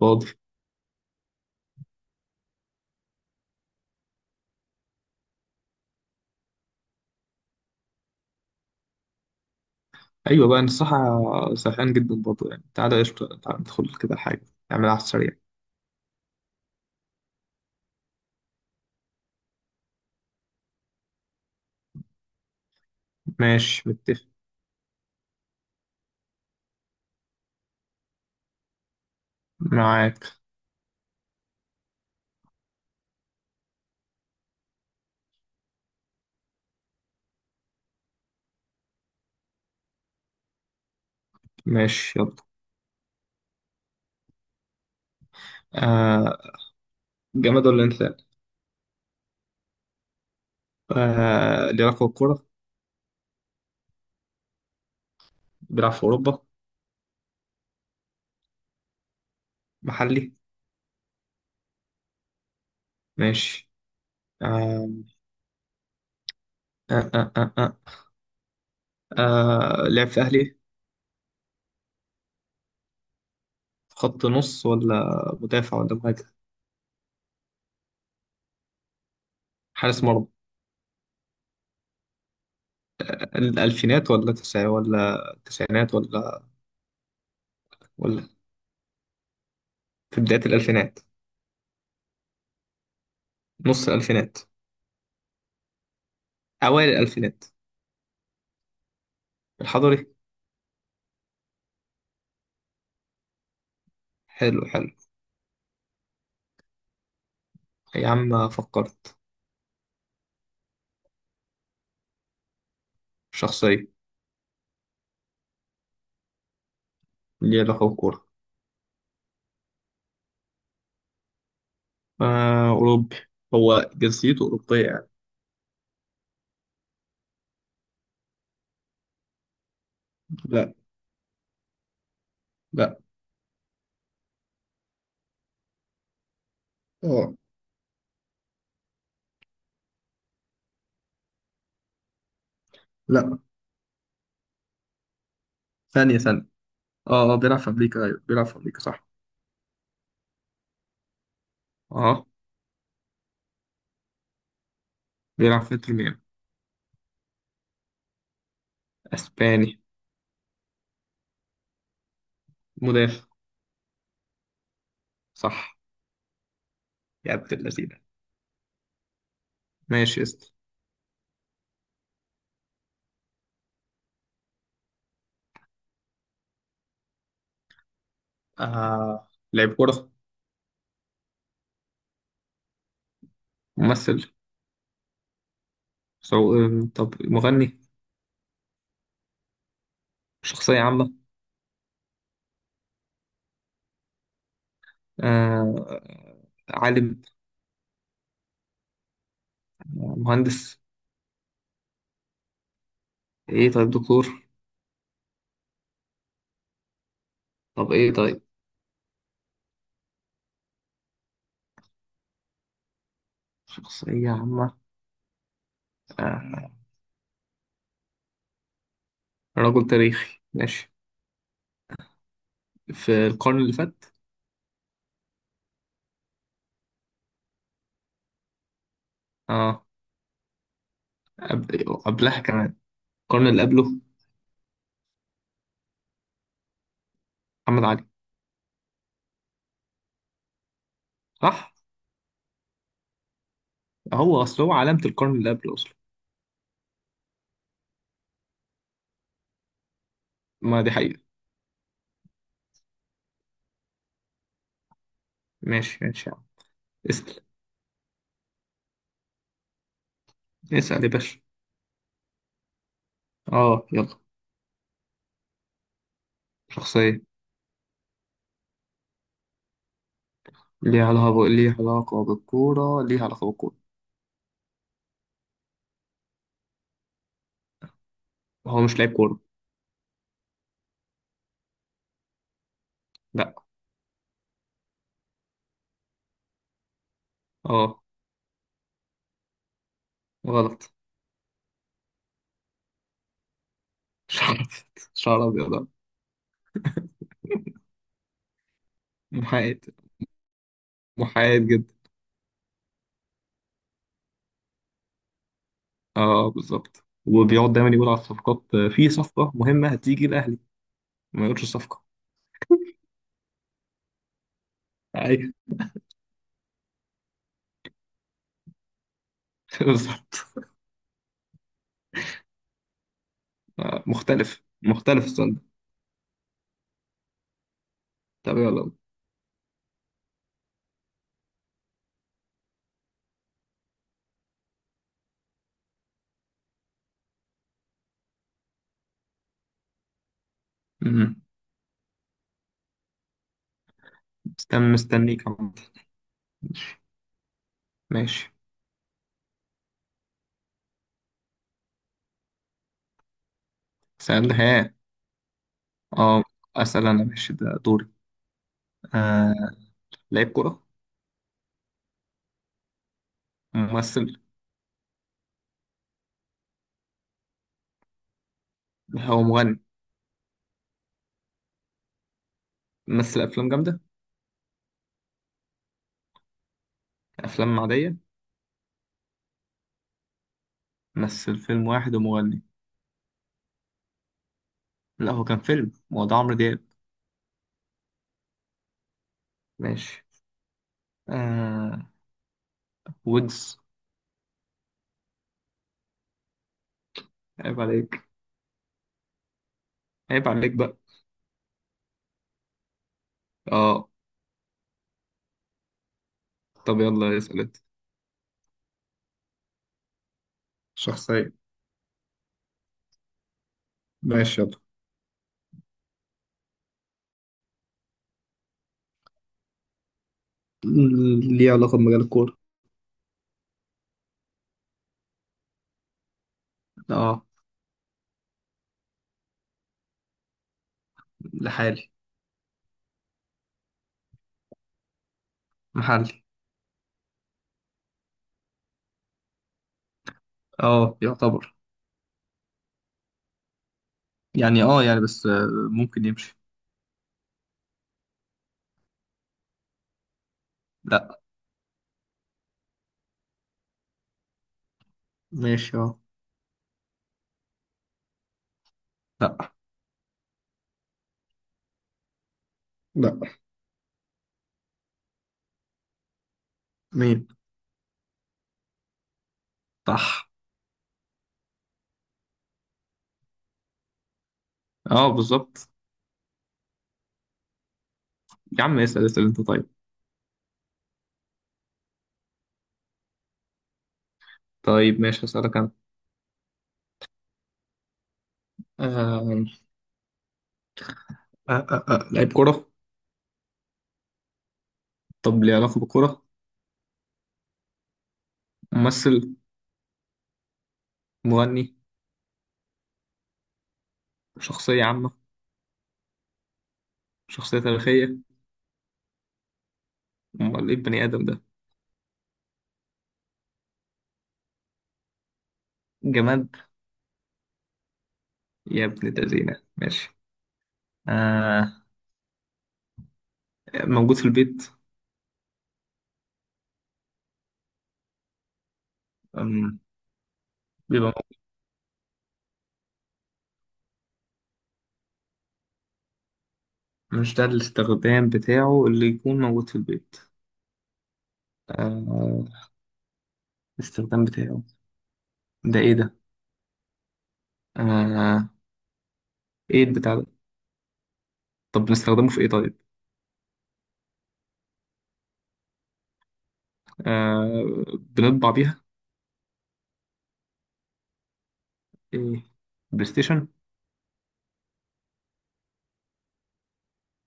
فاضي. ايوه، بقى انا الصراحه سرحان جدا برضه يعني. تعالى قشطه، تعالى ندخل كده حاجه نعملها على السريع. ماشي، متفق معاك. ماشي يلا. آه جماد ولا انسان؟ ليه علاقه بالكوره؟ بيلعب في اوروبا؟ محلي. ماشي. آه آه آه آه آه. لعب في اهلي. في خط نص ولا مدافع ولا مهاجم؟ حارس مرمى. الالفينات ولا تسع ولا التسعينات ولا... ولا في بدايه الالفينات. نص الالفينات. اوائل الالفينات. الحضري. حلو حلو. يا عم فكرت. شخصية. ليه علاقة بالكورة. آه، أوروبي. هو جنسيته أوروبية يعني. لا. لا. اه. لا. ثانية ثانية. اه اه، بيلعب في أمريكا. أيوه، بيلعب في أمريكا صح. اه. بيلعب في إنتر ميامي. أسباني. مدافع. صح. يا عبد اللذينة. ماشي يا اسطى. آه لعيب كورة؟ ممثل؟ سو... آه، طب مغني؟ شخصية عامة؟ آه عالم؟ مهندس؟ ايه طيب، دكتور؟ طب ايه طيب. شخصية عامة. آه. رجل تاريخي، ماشي. في القرن اللي فات. اه. قبلها كمان. القرن اللي قبله. محمد علي. صح. هو اصل هو علامة القرن اللي قبله اصلا. ما دي حقيقة. ماشي ماشي يا عم. اسأل. اسأل يا باشا. اه يلا. شخصية. ليها علاقة بالكورة، ليها علاقة بالكورة. هو مش لاعب كورة. لا. اه. غلط. شعر أبيض. شعر ابيض آه. محايد. محايد جدا. اه بالظبط، وبيقعد دايما يقول على الصفقات في صفقة مهمة هتيجي الأهلي. ما يقولش الصفقة. ايوه. بالظبط. مختلف مختلف السؤال ده. طب يلا. مم. استنى مستنيك عمد. ماشي. ماشي. سؤال ده ها؟ اه. اسال انا ماشي، ده دوري. آه لعيب كرة؟ ممثل؟ هو مغني؟ مثل افلام جامدة؟ افلام عادية؟ مثل فيلم واحد ومغني؟ لا، هو كان فيلم. هو ده عمرو دياب؟ ماشي. آه ويجز. عيب عليك. عيب عليك بقى. اه. طب يلا اسال انت. شخصية. ماشي يلا. ليه علاقة بمجال الكورة. اه. لحالي. محلي. اه يعتبر. يعني بس ممكن يمشي. لا. ماشي اه. لا. لا. مين؟ صح. اه بالظبط. يا عم اسأل، اسأل انت طيب. طيب ماشي، هسألك انا. آه لعيب كرة؟ طب ليه علاقة بالكرة؟ ممثل؟ مغني؟ شخصية عامة؟ شخصية تاريخية؟ امال ايه البني آدم ده؟ جماد. يا ابن الذين ماشي. آه موجود في البيت. أم، بيبقى موجود. مش ده الاستخدام بتاعه اللي يكون موجود في البيت. آه الاستخدام بتاعه ده ايه ده؟ آه ايه البتاع ده؟ طب بنستخدمه في ايه طيب؟ آه بنطبع بيها. ايه؟ بلاي ستيشن؟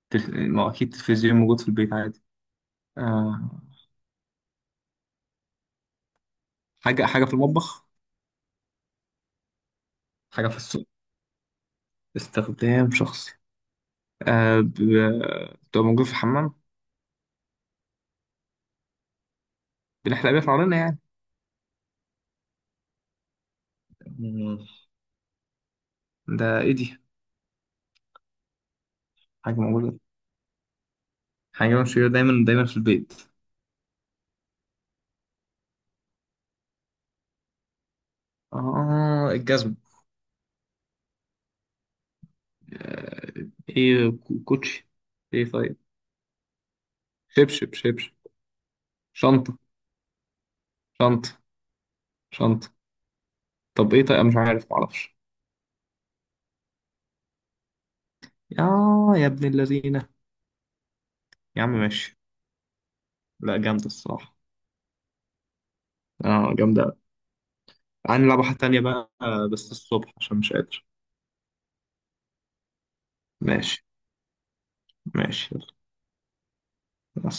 ما هو اكيد تلفزيون موجود في البيت عادي. آه حاجة حاجة في المطبخ؟ حاجة في السوق؟ استخدام شخصي. آه ب... بتبقى موجود في الحمام؟ بنحلق بيها شعرنا يعني؟ مم. ده ايه دي؟ حاجة موجودة. حاجة موجودة دايما دايما في البيت. اه، الجزم. ايه كوتشي. ايه طيب. شبشب شبشب. شنطة. شنطة شنطة. طب ايه طيب، أنا مش عارف، معرفش. يا يا ابن اللذينة. يا عم ماشي. لا، جامدة الصراحة. اه، جامدة أوي. هنلعب واحدة تانية بقى بس الصبح عشان مش قادر. ماشي. ماشي. يلا.